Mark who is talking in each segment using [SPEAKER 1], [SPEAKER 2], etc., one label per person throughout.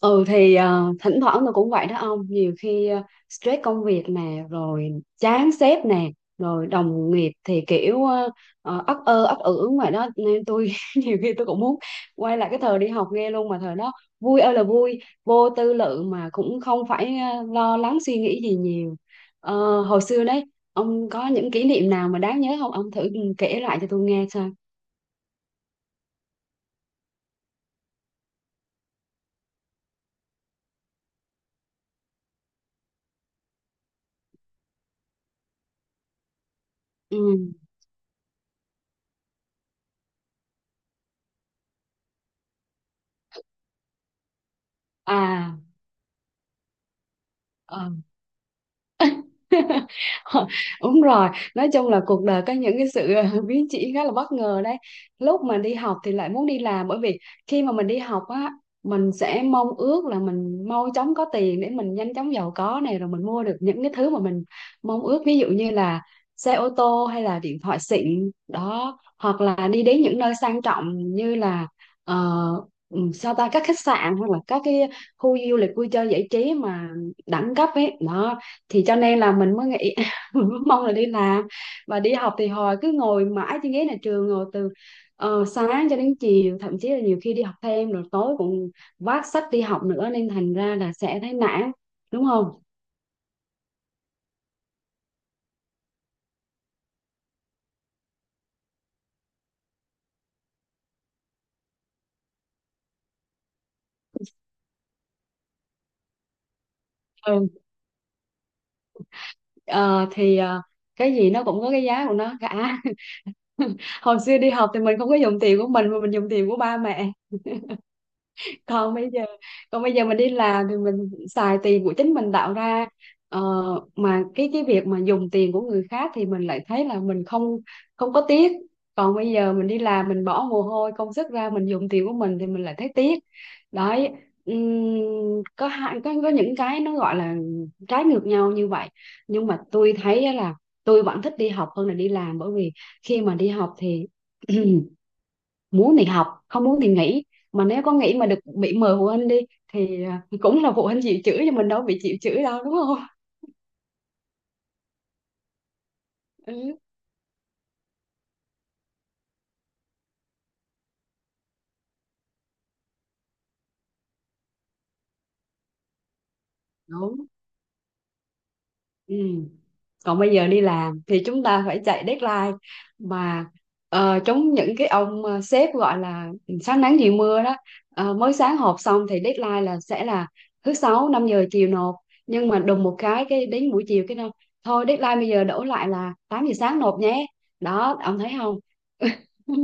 [SPEAKER 1] Ừ thì thỉnh thoảng tôi cũng vậy đó ông. Nhiều khi stress công việc nè. Rồi chán sếp nè. Rồi đồng nghiệp thì kiểu ấp ơ ấp ử ngoài đó. Nên tôi nhiều khi tôi cũng muốn quay lại cái thời đi học nghe luôn. Mà thời đó vui ơi là vui. Vô tư lự mà cũng không phải lo lắng suy nghĩ gì nhiều. Hồi xưa đấy. Ông có những kỷ niệm nào mà đáng nhớ không? Ông thử kể lại cho tôi nghe xem. Ừ. À. Ờ. Đúng rồi. Nói chung là cuộc đời có những cái sự biến chỉ khá là bất ngờ đấy. Lúc mà đi học thì lại muốn đi làm, bởi vì khi mà mình đi học á mình sẽ mong ước là mình mau chóng có tiền để mình nhanh chóng giàu có này, rồi mình mua được những cái thứ mà mình mong ước, ví dụ như là xe ô tô hay là điện thoại xịn đó, hoặc là đi đến những nơi sang trọng như là ờ, sao ta các khách sạn hoặc là các cái khu du lịch vui chơi giải trí mà đẳng cấp ấy đó. Thì cho nên là mình mới nghĩ, mình mới mong là đi làm. Và đi học thì hồi cứ ngồi mãi trên ghế nhà trường, ngồi từ sáng cho đến chiều, thậm chí là nhiều khi đi học thêm rồi tối cũng vác sách đi học nữa, nên thành ra là sẽ thấy nản, đúng không? Ừ. Ờ, thì cái gì nó cũng có cái giá của nó cả. Hồi xưa đi học thì mình không có dùng tiền của mình mà mình dùng tiền của ba mẹ. Còn bây giờ, mình đi làm thì mình xài tiền của chính mình tạo ra. ờ, mà cái việc mà dùng tiền của người khác thì mình lại thấy là mình không không có tiếc. Còn bây giờ mình đi làm mình bỏ mồ hôi công sức ra, mình dùng tiền của mình thì mình lại thấy tiếc đấy. ừm, có hạn có những cái nó gọi là trái ngược nhau như vậy. Nhưng mà tôi thấy á là tôi vẫn thích đi học hơn là đi làm, bởi vì khi mà đi học thì muốn thì học, không muốn thì nghỉ. Mà nếu có nghỉ mà được bị mời phụ huynh đi thì cũng là phụ huynh chịu chửi cho mình, đâu bị chịu chửi đâu, đúng không? Ừ, đúng. Ừ. Còn bây giờ đi làm thì chúng ta phải chạy deadline, mà chống những cái ông sếp gọi là sáng nắng chiều mưa đó. Mới sáng họp xong thì deadline là sẽ là thứ sáu 5 giờ chiều nộp, nhưng mà đùng một cái đến buổi chiều cái đâu, thôi deadline bây giờ đổ lại là 8 giờ sáng nộp nhé. Đó, ông thấy không,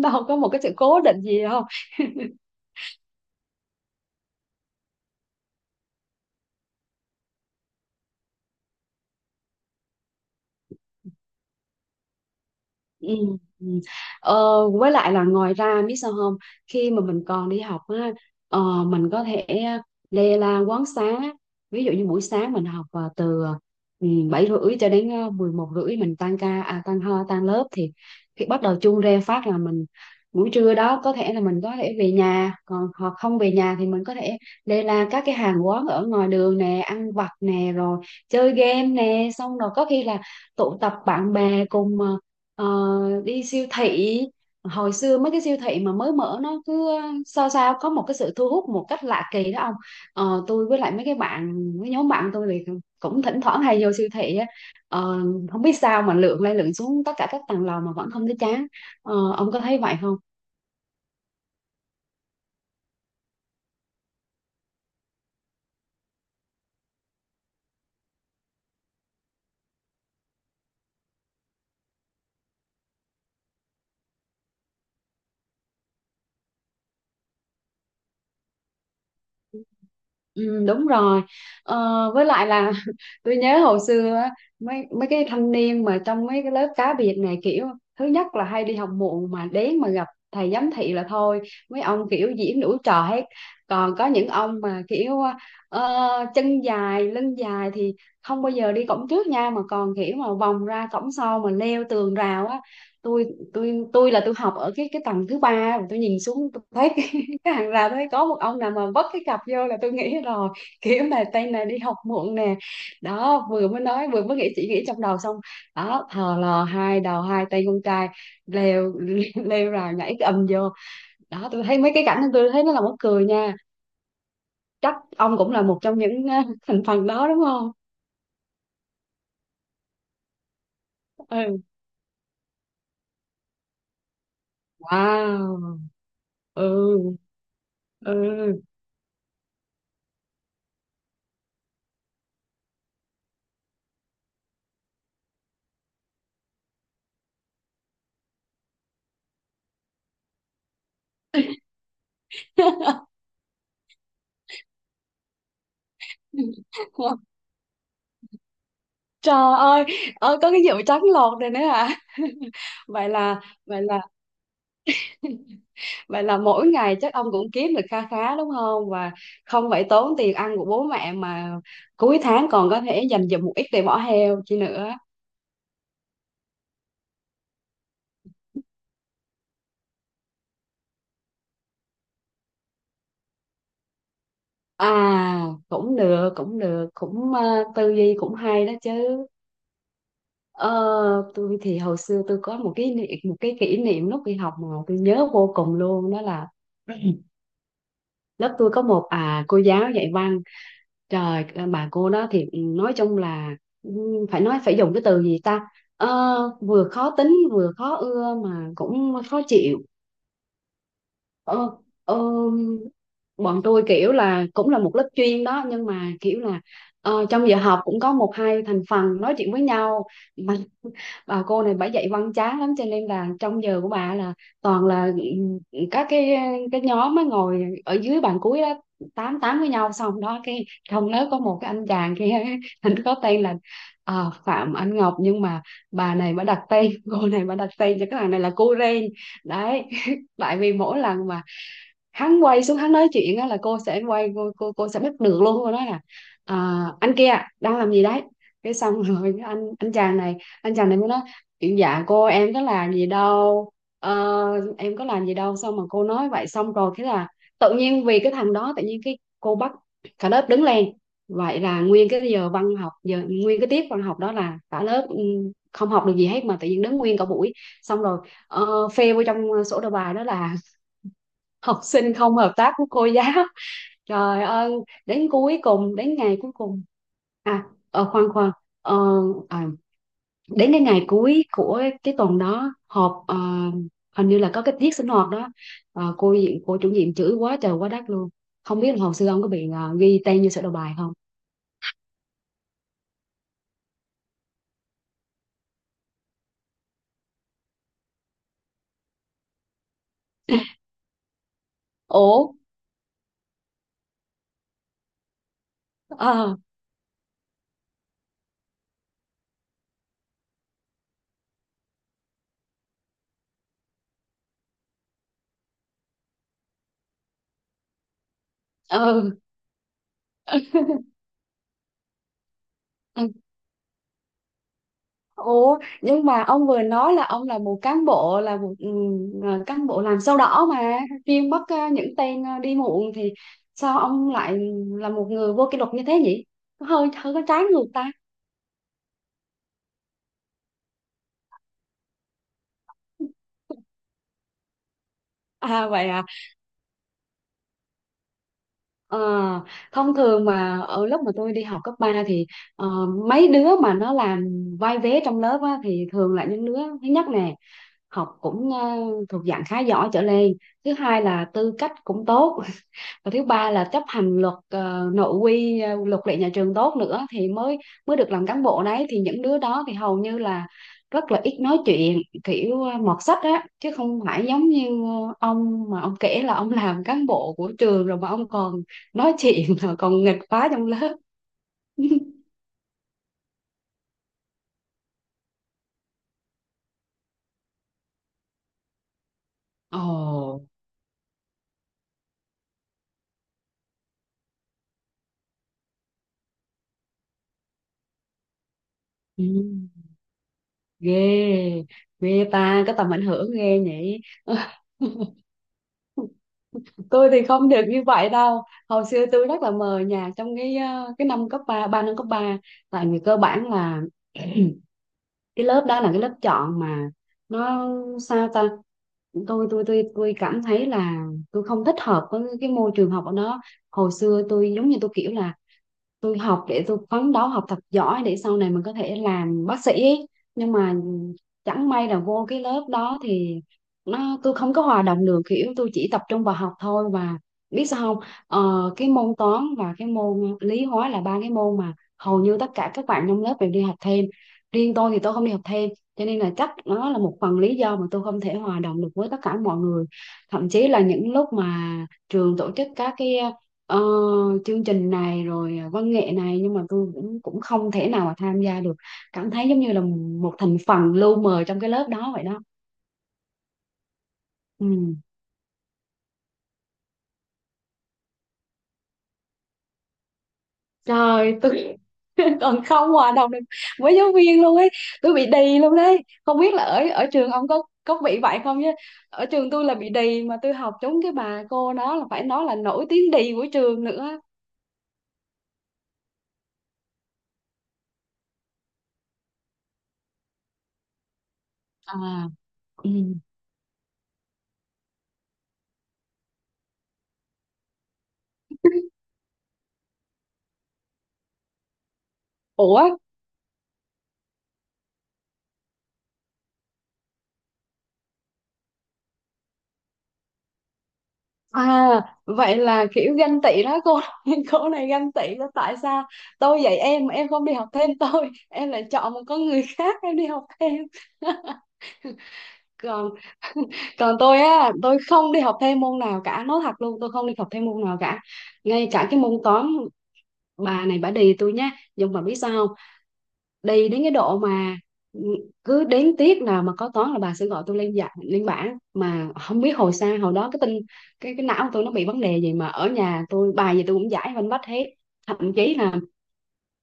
[SPEAKER 1] đâu có một cái sự cố định gì đâu. Ừ. Ừ. Với lại là ngoài ra biết sao không. Khi mà mình còn đi học á, mình có thể lê la quán xá. Ví dụ như buổi sáng mình học từ 7h30 cho đến 11h30, mình tan ca tan lớp thì khi bắt đầu chuông reo phát là mình buổi trưa đó có thể là mình có thể về nhà, còn hoặc không về nhà thì mình có thể lê la các cái hàng quán ở ngoài đường nè, ăn vặt nè, rồi chơi game nè, xong rồi có khi là tụ tập bạn bè cùng ờ, đi siêu thị. Hồi xưa mấy cái siêu thị mà mới mở nó cứ sao sao có một cái sự thu hút một cách lạ kỳ đó ông. Tôi với lại mấy nhóm bạn tôi thì cũng thỉnh thoảng hay vô siêu thị á. Ờ, Không biết sao mà lượn lên lượn xuống tất cả các tầng lầu mà vẫn không thấy chán. Ông có thấy vậy không? Ừ, đúng rồi. ờ, với lại là tôi nhớ hồi xưa á, mấy mấy cái thanh niên mà trong mấy cái lớp cá biệt này kiểu thứ nhất là hay đi học muộn, mà đến mà gặp thầy giám thị là thôi, mấy ông kiểu diễn đủ trò hết. Còn có những ông mà kiểu ờ, chân dài lưng dài thì không bao giờ đi cổng trước nha, mà còn kiểu mà vòng ra cổng sau mà leo tường rào á. Tôi tôi tôi là tôi học ở cái tầng thứ ba, tôi nhìn xuống tôi thấy cái hàng rào đấy có một ông nào mà vấp cái cặp vô là tôi nghĩ rồi, kiểu mà tay này đi học muộn nè. Đó, vừa mới nói vừa mới nghĩ, chỉ nghĩ trong đầu xong, đó thò lò hai đầu hai tay con trai leo leo rào nhảy cái ầm vô. Đó, tôi thấy mấy cái cảnh đó tôi thấy nó là mắc cười nha. Chắc ông cũng là một trong những thành phần đó đúng không? Ừ. Wow. Ừ. Ừ. Trời ơi. Ơi có cái vụ trắng lột này nữa à. vậy là vậy là Vậy là mỗi ngày chắc ông cũng kiếm được kha khá, đúng không? Và không phải tốn tiền ăn của bố mẹ mà cuối tháng còn có thể dành dụm một ít để bỏ heo chi nữa. À, cũng được, cũng được, cũng tư duy cũng hay đó chứ. Ờ, tôi thì hồi xưa tôi có một cái một cái kỷ niệm lúc đi học mà tôi nhớ vô cùng luôn đó là lớp tôi có một cô giáo dạy văn. Trời, bà cô đó thì nói chung là ừ, phải nói phải dùng cái từ gì ta. Ờ, Vừa khó tính vừa khó ưa mà cũng khó chịu. ờ, ờ, Bọn tôi kiểu là cũng là một lớp chuyên đó nhưng mà kiểu là trong giờ học cũng có một hai thành phần nói chuyện với nhau. Mà bà cô này bà dạy văn chán lắm cho nên là trong giờ của bà là toàn là các cái nhóm mới ngồi ở dưới bàn cuối đó tám tám với nhau, xong đó cái trong lớp có một cái anh chàng kia, anh có tên là Phạm Anh Ngọc, nhưng mà bà này bà đặt tên, cô này bà đặt tên cho cái thằng này là cô Ren đấy. Tại vì mỗi lần mà hắn quay xuống hắn nói chuyện á là cô sẽ quay cô sẽ bắt được luôn, cô nói là anh kia đang làm gì đấy. Cái xong rồi cái anh chàng này mới nói chuyện: dạ cô em có làm gì đâu. Ờ, em có làm gì đâu, xong mà cô nói vậy, xong rồi thế là tự nhiên vì cái thằng đó tự nhiên cái cô bắt cả lớp đứng lên. Vậy là nguyên cái tiết văn học đó là cả lớp không học được gì hết mà tự nhiên đứng nguyên cả buổi. Xong rồi phê vô trong sổ đầu bài đó là học sinh không hợp tác với cô giáo. Trời ơi, đến cuối cùng, đến ngày cuối cùng khoan khoan ờ, à, đến cái ngày cuối của cái tuần đó họp, hình như là có cái tiết sinh hoạt đó. Cô chủ nhiệm chửi quá trời quá đất luôn. Không biết là hồi xưa ông có bị ghi tên như sổ đầu bài không. Ủa. Ờ. Ờ. Ừ. Ủa, nhưng mà ông vừa nói là ông là một cán bộ, là một cán bộ làm sao đỏ mà chuyên bắt những tên đi muộn, thì sao ông lại là một người vô kỷ luật như thế nhỉ? Hơi hơi có trái ngược ta. À vậy à. Ờ, Thông thường mà ở lúc mà tôi đi học cấp 3 thì ờ, mấy đứa mà nó làm vai vế trong lớp á, thì thường là những đứa thứ nhất nè, học cũng thuộc dạng khá giỏi trở lên, thứ hai là tư cách cũng tốt, và thứ ba là chấp hành luật nội quy, luật lệ nhà trường tốt nữa thì mới mới được làm cán bộ đấy. Thì những đứa đó thì hầu như là rất là ít nói chuyện, kiểu mọt sách á, chứ không phải giống như ông mà ông kể là ông làm cán bộ của trường rồi mà ông còn nói chuyện rồi còn nghịch phá trong lớp. Ồ, ừ, ghê, ghê ta có tầm ảnh hưởng ghê nhỉ. Tôi thì không được như vậy đâu. Hồi xưa tôi rất là mờ nhạt trong cái cái năm cấp ba, ba năm cấp ba. Tại vì cơ bản là cái lớp đó là cái lớp chọn mà, nó sao ta, tôi cảm thấy là tôi không thích hợp với cái môi trường học ở đó. Hồi xưa tôi giống như tôi kiểu là tôi học để tôi phấn đấu học thật giỏi để sau này mình có thể làm bác sĩ ấy. Nhưng mà chẳng may là vô cái lớp đó thì nó, tôi không có hòa đồng được, kiểu tôi chỉ tập trung vào học thôi. Và biết sao không, cái môn toán và cái môn lý hóa là ba cái môn mà hầu như tất cả các bạn trong lớp đều đi học thêm, riêng tôi thì tôi không đi học thêm. Cho nên là chắc nó là một phần lý do mà tôi không thể hòa đồng được với tất cả mọi người. Thậm chí là những lúc mà trường tổ chức các cái ờ, chương trình này rồi à, văn nghệ này, nhưng mà tôi cũng cũng không thể nào mà tham gia được, cảm thấy giống như là một thành phần lu mờ trong cái lớp đó vậy đó. Ừ. Trời tôi, còn không hòa đồng được với giáo viên luôn ấy. Tôi bị đì luôn đấy. Không biết là ở ở trường ông có bị vậy không chứ ở trường tôi là bị đì, mà tôi học trúng cái bà cô đó là phải nói là nổi tiếng đì của trường nữa. À, ừ. Ủa. À, vậy là kiểu ganh tị đó cô, cô này ganh tị đó, tại sao tôi dạy em mà em không đi học thêm tôi, em lại chọn một con người khác em đi học thêm. Còn còn tôi á, tôi không đi học thêm môn nào cả, nói thật luôn, tôi không đi học thêm môn nào cả, ngay cả cái môn toán bà này bà đì tôi nhá. Nhưng mà biết sao không, đi đến cái độ mà, ừ, cứ đến tiết nào mà có toán là bà sẽ gọi tôi lên, dạ lên bảng. Mà không biết hồi xa hồi đó cái tinh, cái não của tôi nó bị vấn đề gì mà ở nhà tôi bài gì tôi cũng giải văn vách hết. Thậm chí là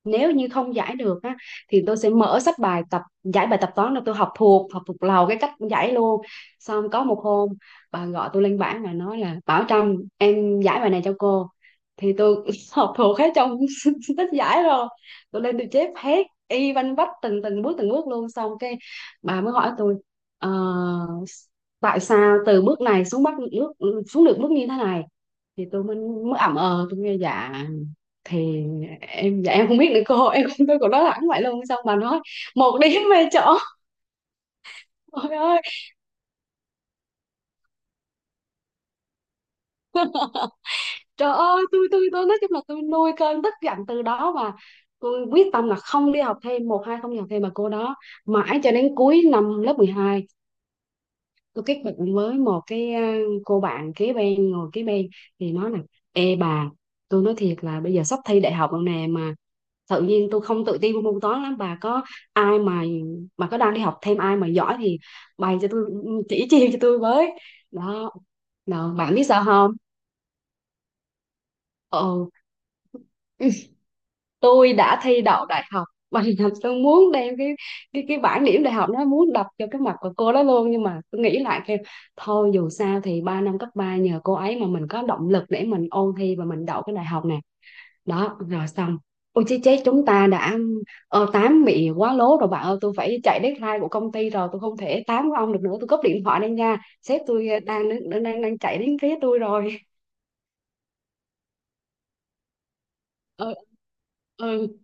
[SPEAKER 1] nếu như không giải được á, thì tôi sẽ mở sách bài tập giải bài tập toán, là tôi học thuộc, học thuộc lầu cái cách giải luôn. Xong có một hôm bà gọi tôi lên bảng và nói là: "Bảo Trâm, em giải bài này cho cô". Thì tôi học thuộc hết trong sách giải rồi, tôi lên tôi chép hết y văn vách từng từng bước, từng bước luôn. Xong cái bà mới hỏi tôi: "Ờ, tại sao từ bước này xuống bắt bước xuống được bước như thế này?" Thì tôi mới mới ậm ờ, tôi nghe dạ, thì em dạ em không biết nữa cô, em không, tôi cũng nói thẳng vậy luôn. Xong bà nói: "Một điểm về chỗ". Trời ơi, trời ơi, tôi nói chung là tôi nuôi cơn tức giận từ đó, mà tôi quyết tâm là không đi học thêm, một hai không đi học thêm mà cô đó. Mãi cho đến cuối năm lớp 12, tôi kết bạn với một cái cô bạn kế bên, ngồi kế bên, thì nói là: "Ê bà, tôi nói thiệt là bây giờ sắp thi đại học rồi nè, mà tự nhiên tôi không tự tin môn toán lắm. Bà có ai mà có đang đi học thêm, ai mà giỏi thì bày cho tôi, chỉ chiêu cho tôi với". Đó, đó bạn biết sao không, ờ, tôi đã thi đậu đại học. Và làm tôi muốn đem cái cái bảng điểm đại học nó muốn đập cho cái mặt của cô đó luôn. Nhưng mà tôi nghĩ lại kêu thôi, dù sao thì ba năm cấp ba nhờ cô ấy mà mình có động lực để mình ôn thi và mình đậu cái đại học này. Đó rồi xong. Ôi chết, chết, chúng ta đã tám bị quá lố rồi bạn ơi. Tôi phải chạy deadline của công ty rồi, tôi không thể tám với ông được nữa, tôi cúp điện thoại đây nha, sếp tôi đang chạy đến phía tôi rồi. Ờ, ừ,